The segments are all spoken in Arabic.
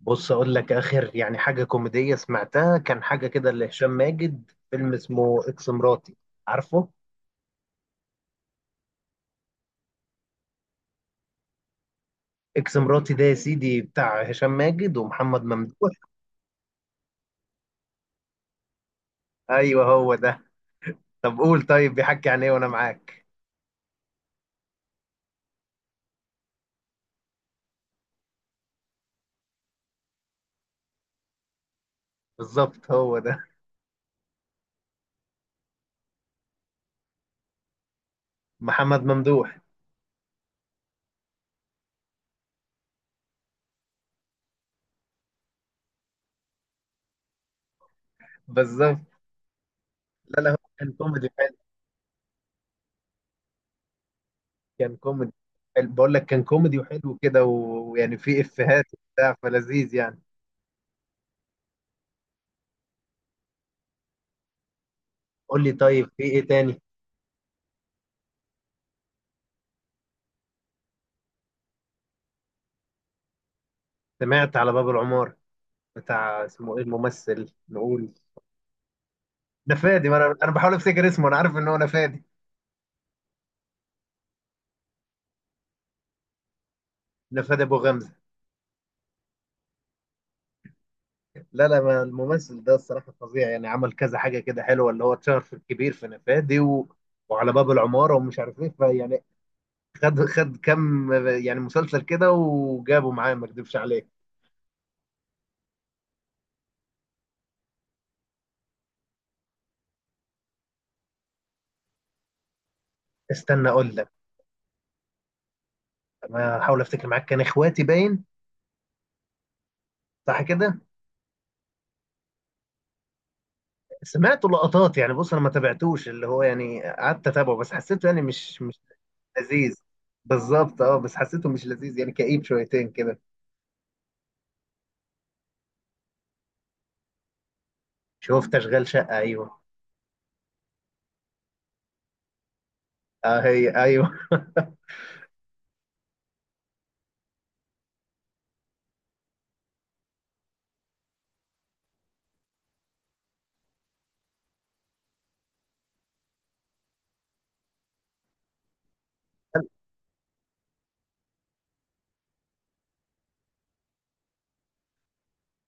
بص اقول لك، اخر يعني حاجه كوميديه سمعتها كان حاجه كده لهشام ماجد. فيلم اسمه اكس مراتي. عارفه. اكس مراتي ده يا سيدي بتاع هشام ماجد ومحمد ممدوح. ايوه هو ده. طب قول، طيب بيحكي عن ايه وانا معاك. بالظبط هو ده. محمد ممدوح. بالظبط. لا لا، هو كان كوميدي حلو. كان كوميدي حلو. بقول لك كان كوميدي وحلو كده و- ويعني فيه افيهات وبتاع، فلذيذ يعني. قول لي طيب، في ايه تاني؟ سمعت على باب العمارة. بتاع اسمه ايه الممثل نقول؟ نفادي. ما انا بحاول افتكر اسمه، انا عارف ان هو نفادي. نفادي ابو غمزه. لا لا، ما الممثل ده الصراحه فظيع يعني. عمل كذا حاجه كده حلوه، اللي هو اتشهر في الكبير في نفادي وعلى باب العماره ومش عارف ايه، فيعني خد خد كم يعني مسلسل كده وجابه معاه، ما اكذبش عليك. استنى اقول لك. انا احاول افتكر معاك، كان اخواتي باين. صح كده. سمعت لقطات يعني، بص انا ما تابعتوش، اللي هو يعني قعدت اتابعه بس حسيته يعني مش لذيذ. بالظبط، اه، بس حسيته مش لذيذ يعني، كئيب شويتين كده. شفت اشغال شقه، ايوه. اه، هي ايوه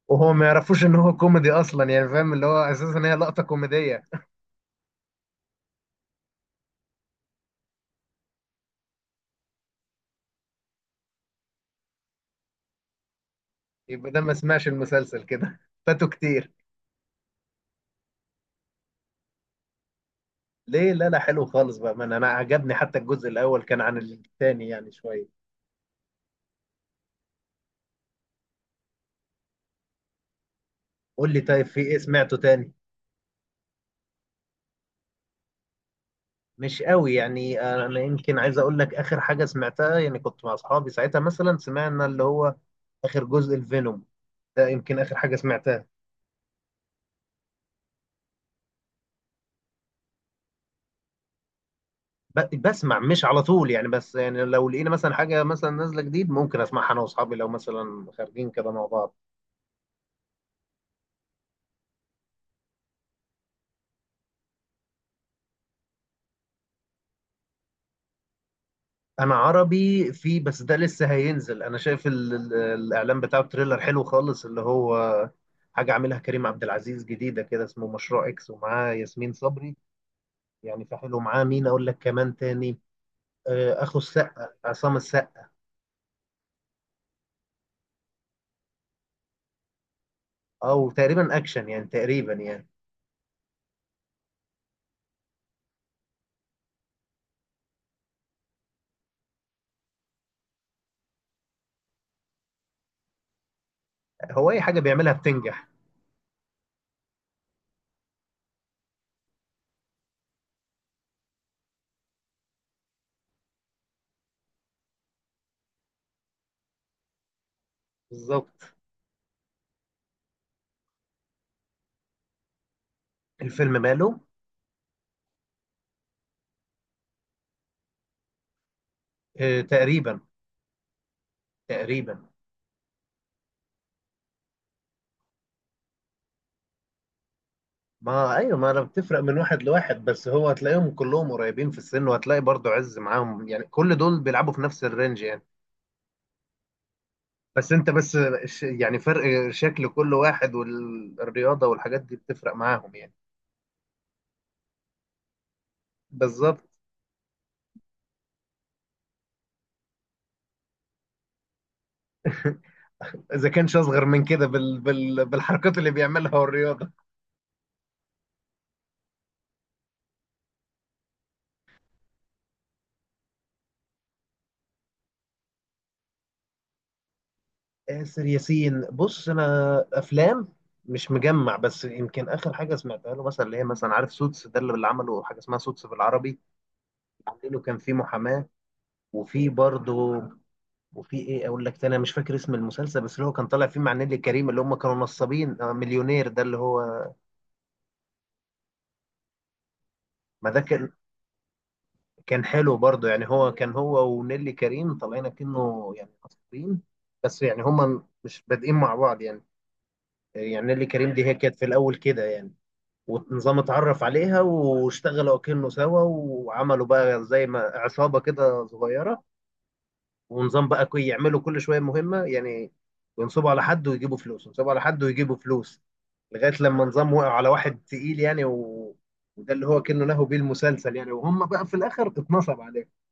وهو ما يعرفوش ان هو كوميدي اصلا يعني، فاهم؟ اللي هو اساسا هي لقطه كوميديه. يبقى ده ما سمعش المسلسل كده فاتوا كتير. ليه؟ لا لا، حلو خالص بقى. من انا عجبني حتى الجزء الاول كان عن الثاني يعني شويه. قول لي طيب، في ايه سمعته تاني؟ مش قوي يعني. انا يمكن عايز اقول لك اخر حاجه سمعتها يعني. كنت مع اصحابي ساعتها مثلا، سمعنا اللي هو اخر جزء الفينوم. ده يمكن اخر حاجه سمعتها. بسمع مش على طول يعني، بس يعني لو لقينا مثلا حاجة مثلا نازلة جديد ممكن اسمعها انا واصحابي، لو مثلا خارجين كده مع بعض. انا عربي في، بس ده لسه هينزل. انا شايف ال ال الاعلان بتاعه، تريلر حلو خالص. اللي هو حاجة عاملها كريم عبد العزيز جديدة كده، اسمه مشروع اكس، ومعاه ياسمين صبري يعني. فحلو، معاه مين اقول لك كمان تاني؟ اخو السقا، عصام السقا. او تقريبا اكشن يعني، تقريبا يعني. هو اي حاجة بيعملها بتنجح. بالظبط. الفيلم ماله. تقريبا. تقريبا. ما ايوه، ما انا بتفرق من واحد لواحد، بس هو هتلاقيهم كلهم قريبين في السن، وهتلاقي برضو عز معاهم يعني، كل دول بيلعبوا في نفس الرينج يعني. بس انت بس، يعني فرق شكل كل واحد والرياضة والحاجات دي بتفرق معاهم يعني. بالظبط اذا كانش اصغر من كده بالحركات اللي بيعملها والرياضه. آسر ياسين، بص انا افلام مش مجمع، بس يمكن اخر حاجه سمعتها له مثلا، اللي هي مثلا عارف سوتس ده، اللي عمله حاجه اسمها سوتس بالعربي. عامله كان في محاماه. وفي برضه، وفي ايه اقول لك تاني؟ انا مش فاكر اسم المسلسل، بس اللي هو كان طالع فيه مع نيلي كريم، اللي هم كانوا نصابين. مليونير ده اللي هو. ما ده كان، كان حلو برضه يعني. هو كان هو ونيلي كريم طالعين كأنه يعني نصابين، بس يعني هم مش بادئين مع بعض يعني. يعني نيلي كريم دي هي كانت في الاول كده يعني، ونظام اتعرف عليها واشتغلوا كأنه سوا، وعملوا بقى زي ما عصابة كده صغيرة. ونظام بقى يعملوا كل شوية مهمة يعني. ينصبوا على حد ويجيبوا فلوس، ينصبوا على حد ويجيبوا فلوس. لغايه لما نظام وقع على واحد تقيل يعني وده اللي هو كأنه له بيه المسلسل يعني. وهم بقى في الاخر اتنصب عليه.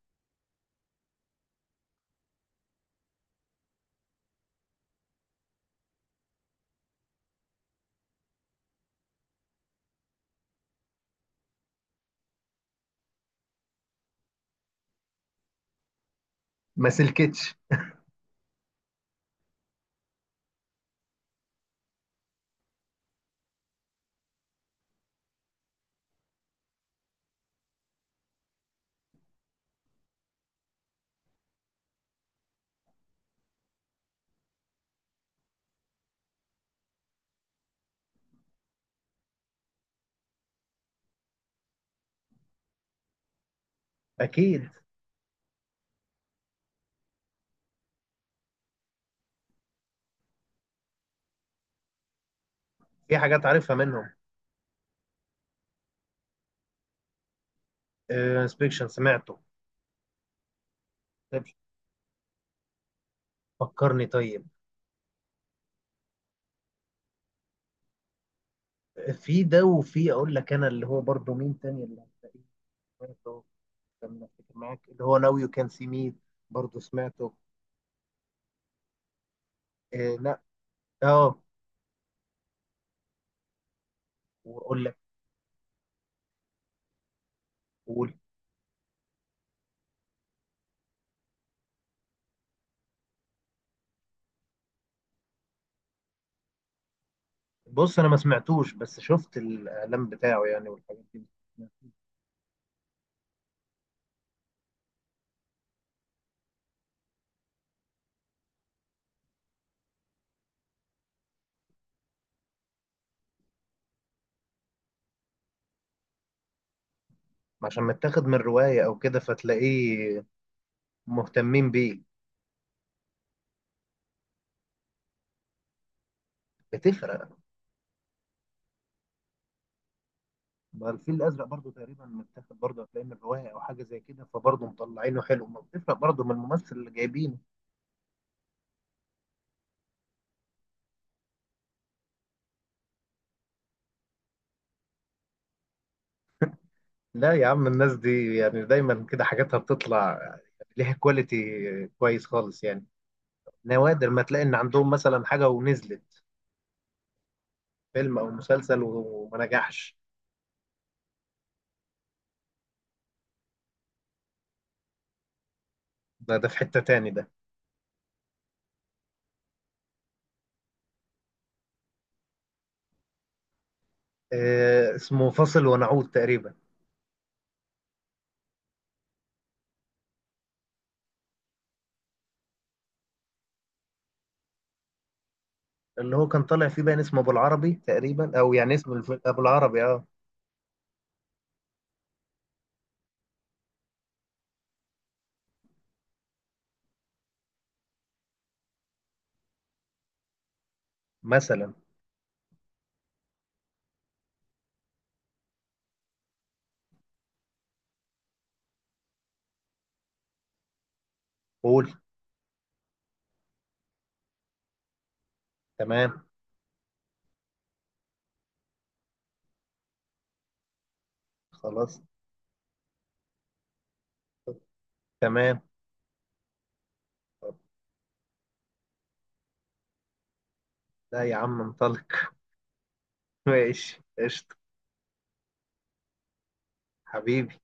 ما سلكتش. اكيد، في حاجات عارفها منهم. انسبكشن سمعته. طيب، فكرني طيب. في ده، وفي اقول لك انا اللي هو برضه مين تاني اللي هتلاقيه. سمعته. لما افتكر معاك، اللي هو ناو يو كان سي مي. برضه سمعته. آه لا. اه. واقول لك. قول. بص انا ما سمعتوش، بس شفت الاعلان بتاعه يعني، والحاجات دي. عشان متاخد من رواية أو كده، فتلاقيه مهتمين بيه. بتفرق. ما الفيل الأزرق برضو تقريبا متاخد، برضو هتلاقيه من رواية أو حاجة زي كده، فبرضو مطلعينه حلو. ما بتفرق برضو من الممثل اللي جايبينه. لا يا عم، الناس دي يعني دايما كده حاجاتها بتطلع ليها كواليتي كويس خالص يعني. نوادر ما تلاقي إن عندهم مثلا حاجة ونزلت، فيلم أو مسلسل، وما نجحش. ده في حتة تاني ده. آه، اسمه فاصل ونعود تقريبا. اللي هو كان طالع فيه باين اسمه ابو العربي تقريبا، او يعني اسم ابو العربي، اه. مثلا. قول. تمام. خلاص. تمام. طب. لا يا عم انطلق. ماشي قشطة. حبيبي.